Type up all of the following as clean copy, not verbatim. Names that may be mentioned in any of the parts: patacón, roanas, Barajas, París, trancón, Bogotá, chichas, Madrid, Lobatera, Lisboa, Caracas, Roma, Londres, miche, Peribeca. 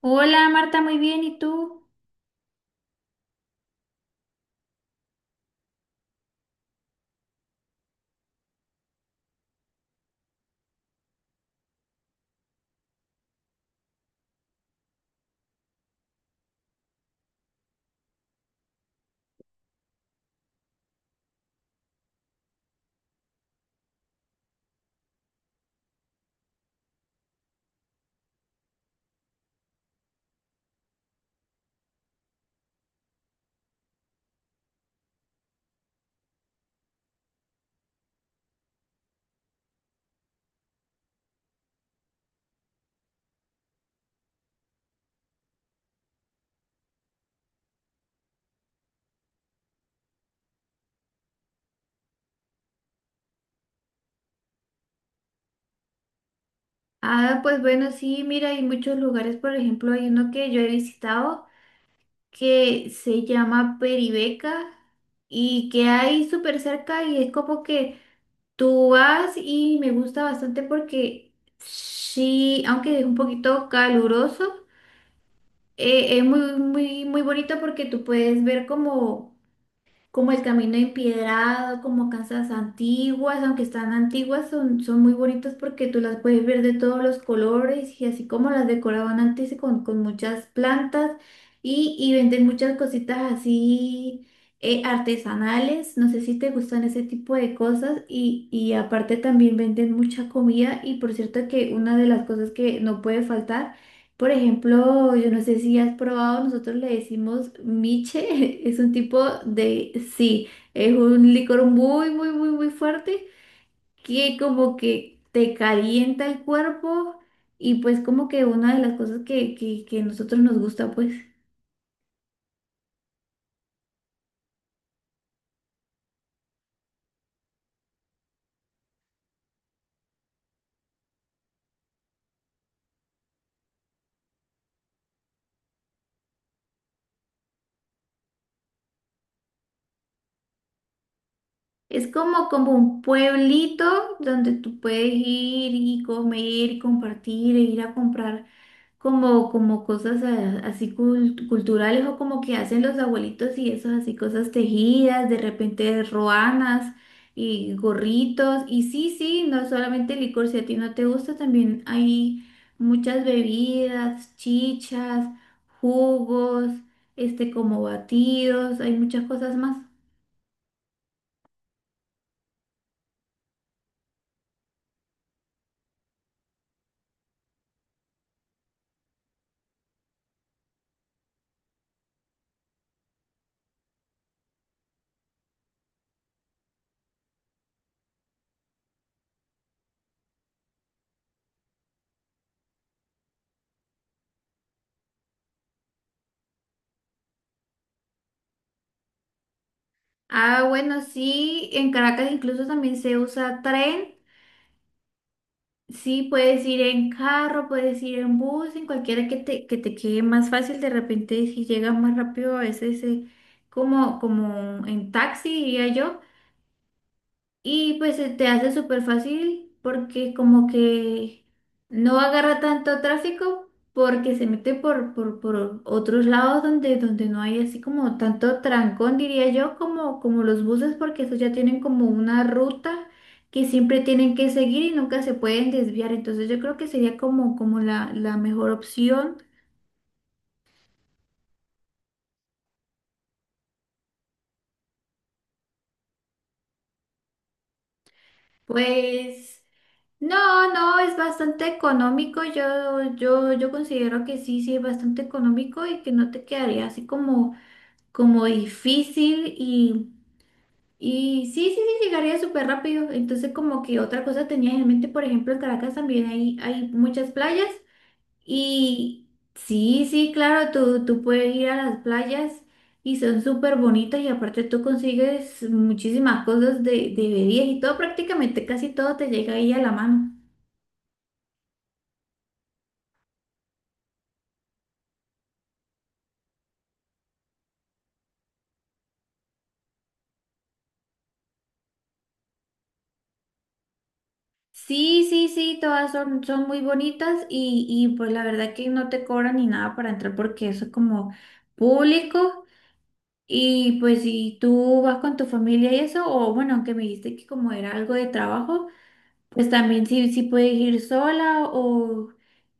Hola Marta, muy bien, ¿y tú? Ah, pues bueno, sí, mira, hay muchos lugares, por ejemplo, hay uno que yo he visitado que se llama Peribeca y que hay súper cerca y es como que tú vas y me gusta bastante porque sí, aunque es un poquito caluroso, es muy, muy, muy bonito porque tú puedes ver como como el camino empedrado, como casas antiguas, aunque están antiguas, son muy bonitas porque tú las puedes ver de todos los colores y así como las decoraban antes con muchas plantas y venden muchas cositas así artesanales, no sé si te gustan ese tipo de cosas y aparte también venden mucha comida y por cierto que una de las cosas que no puede faltar, por ejemplo, yo no sé si has probado, nosotros le decimos miche, es un tipo de sí, es un licor muy, muy, muy, muy fuerte que como que te calienta el cuerpo y pues como que una de las cosas que nosotros nos gusta, pues es como, como un pueblito donde tú puedes ir y comer y compartir e ir a comprar como, como cosas así culturales o como que hacen los abuelitos y esas así cosas tejidas, de repente roanas y gorritos. Y sí, sí, no solamente licor, si a ti no te gusta, también hay muchas bebidas, chichas, jugos, este como batidos, hay muchas cosas más. Ah, bueno, sí, en Caracas incluso también se usa tren. Sí, puedes ir en carro, puedes ir en bus, en cualquiera que te quede más fácil. De repente, si llegas más rápido, a veces como, como en taxi, diría yo, y pues se te hace súper fácil porque como que no agarra tanto tráfico porque se mete por otros lados donde no hay así como tanto trancón, diría yo, como, como los buses porque esos ya tienen como una ruta que siempre tienen que seguir y nunca se pueden desviar. Entonces yo creo que sería como, como la mejor opción. Pues no, no, es bastante económico. Yo considero que sí, sí, es bastante económico y que no te quedaría así como, como difícil y sí, sí, sí, llegaría súper rápido. Entonces, como que otra cosa tenía en mente, por ejemplo, en Caracas también hay muchas playas y sí, sí, claro, tú puedes ir a las playas y son súper bonitas y aparte tú consigues muchísimas cosas de bebidas y todo, prácticamente casi todo te llega ahí a la mano. Sí, sí, sí, todas son, son muy bonitas y pues la verdad que no te cobran ni nada para entrar porque eso es como público y pues si tú vas con tu familia y eso, o bueno, aunque me dijiste que como era algo de trabajo, pues también sí, sí puedes ir sola o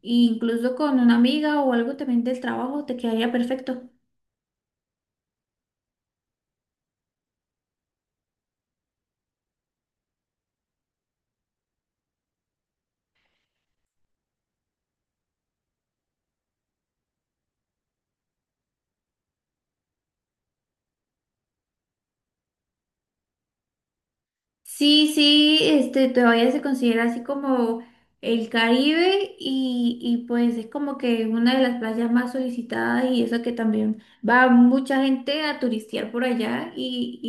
incluso con una amiga o algo también del trabajo, te quedaría perfecto. Sí, sí, este, todavía se considera así como el Caribe y pues es como que es una de las playas más solicitadas y eso que también va mucha gente a turistear por allá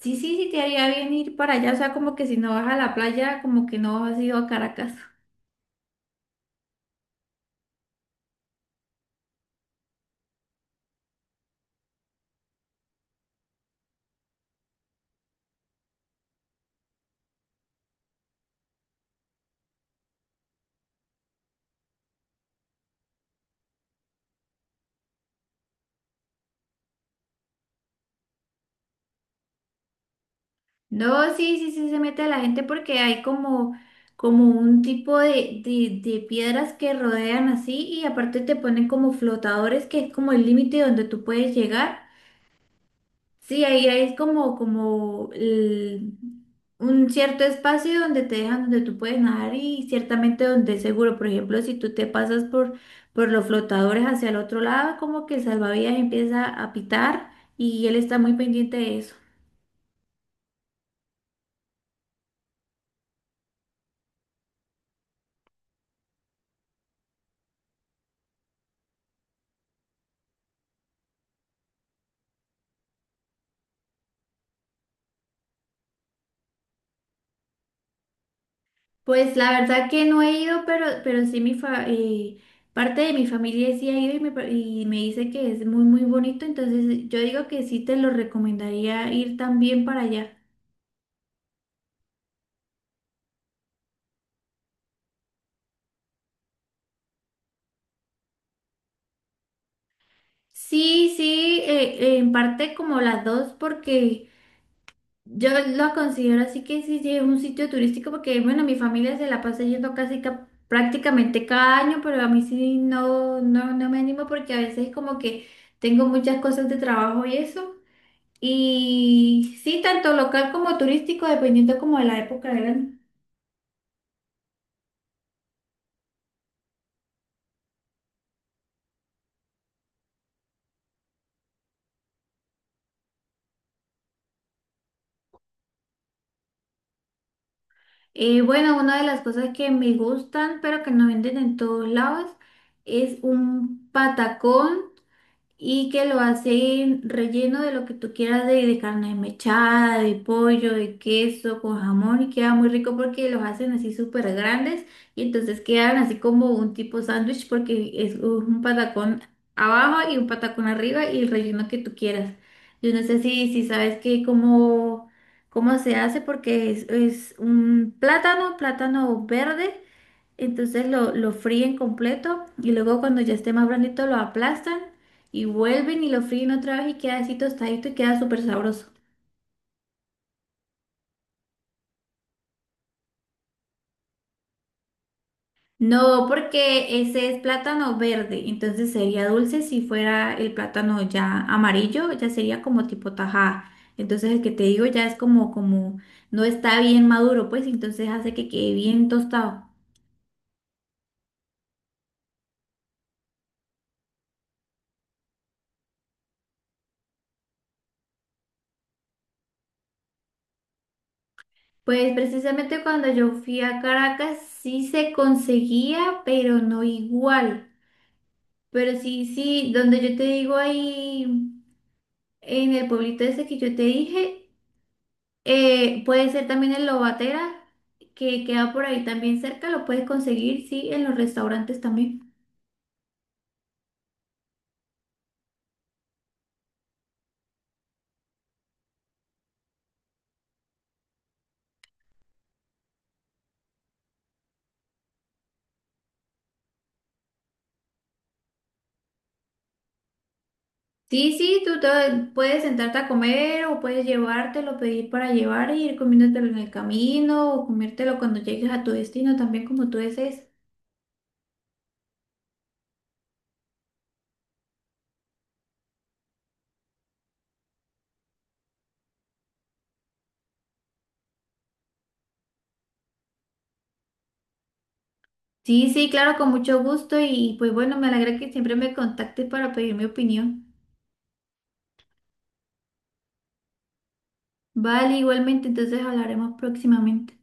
y sí, sí, sí te haría bien ir para allá, o sea, como que si no vas a la playa, como que no has ido a Caracas. No, sí, sí, sí, se mete a la gente porque hay como, como un tipo de piedras que rodean así y aparte te ponen como flotadores que es como el límite donde tú puedes llegar. Sí, ahí, ahí es como, un cierto espacio donde te dejan, donde tú puedes nadar y ciertamente donde es seguro. Por ejemplo, si tú te pasas por los flotadores hacia el otro lado, como que el salvavidas empieza a pitar y él está muy pendiente de eso. Pues la verdad que no he ido, pero sí parte de mi familia sí ha ido y y me dice que es muy, muy bonito, entonces yo digo que sí te lo recomendaría ir también para allá. Sí, sí, en parte como las dos, porque yo lo considero así que sí, sí es un sitio turístico, porque bueno, mi familia se la pasa yendo prácticamente cada año, pero a mí sí no, no, no me animo porque a veces como que tengo muchas cosas de trabajo y eso. Y sí, tanto local como turístico, dependiendo como de la época del año. Bueno, una de las cosas que me gustan, pero que no venden en todos lados, es un patacón y que lo hacen relleno de lo que tú quieras de carne mechada, de pollo, de queso, con jamón y queda muy rico porque los hacen así súper grandes y entonces quedan así como un tipo sándwich porque es un patacón abajo y un patacón arriba y el relleno que tú quieras. Yo no sé si, si sabes que cómo, cómo se hace porque es un plátano, plátano verde. Entonces lo fríen completo y luego cuando ya esté más blandito lo aplastan y vuelven y lo fríen otra vez y queda así tostadito y queda súper sabroso. No, porque ese es plátano verde, entonces sería dulce si fuera el plátano ya amarillo, ya sería como tipo tajada. Entonces el que te digo ya es como, como no está bien maduro, pues entonces hace que quede bien tostado. Pues precisamente cuando yo fui a Caracas sí se conseguía, pero no igual. Pero sí, sí, donde yo te digo ahí, en el pueblito ese que yo te dije, puede ser también el Lobatera, que queda por ahí también cerca, lo puedes conseguir, sí, en los restaurantes también. Sí, sí, tú te puedes sentarte a comer o puedes llevártelo, pedir para llevar y ir comiéndotelo en el camino o comértelo cuando llegues a tu destino también como tú desees. Sí, sí, claro, con mucho gusto y pues bueno, me alegra que siempre me contactes para pedir mi opinión. Vale, igualmente, entonces hablaremos próximamente.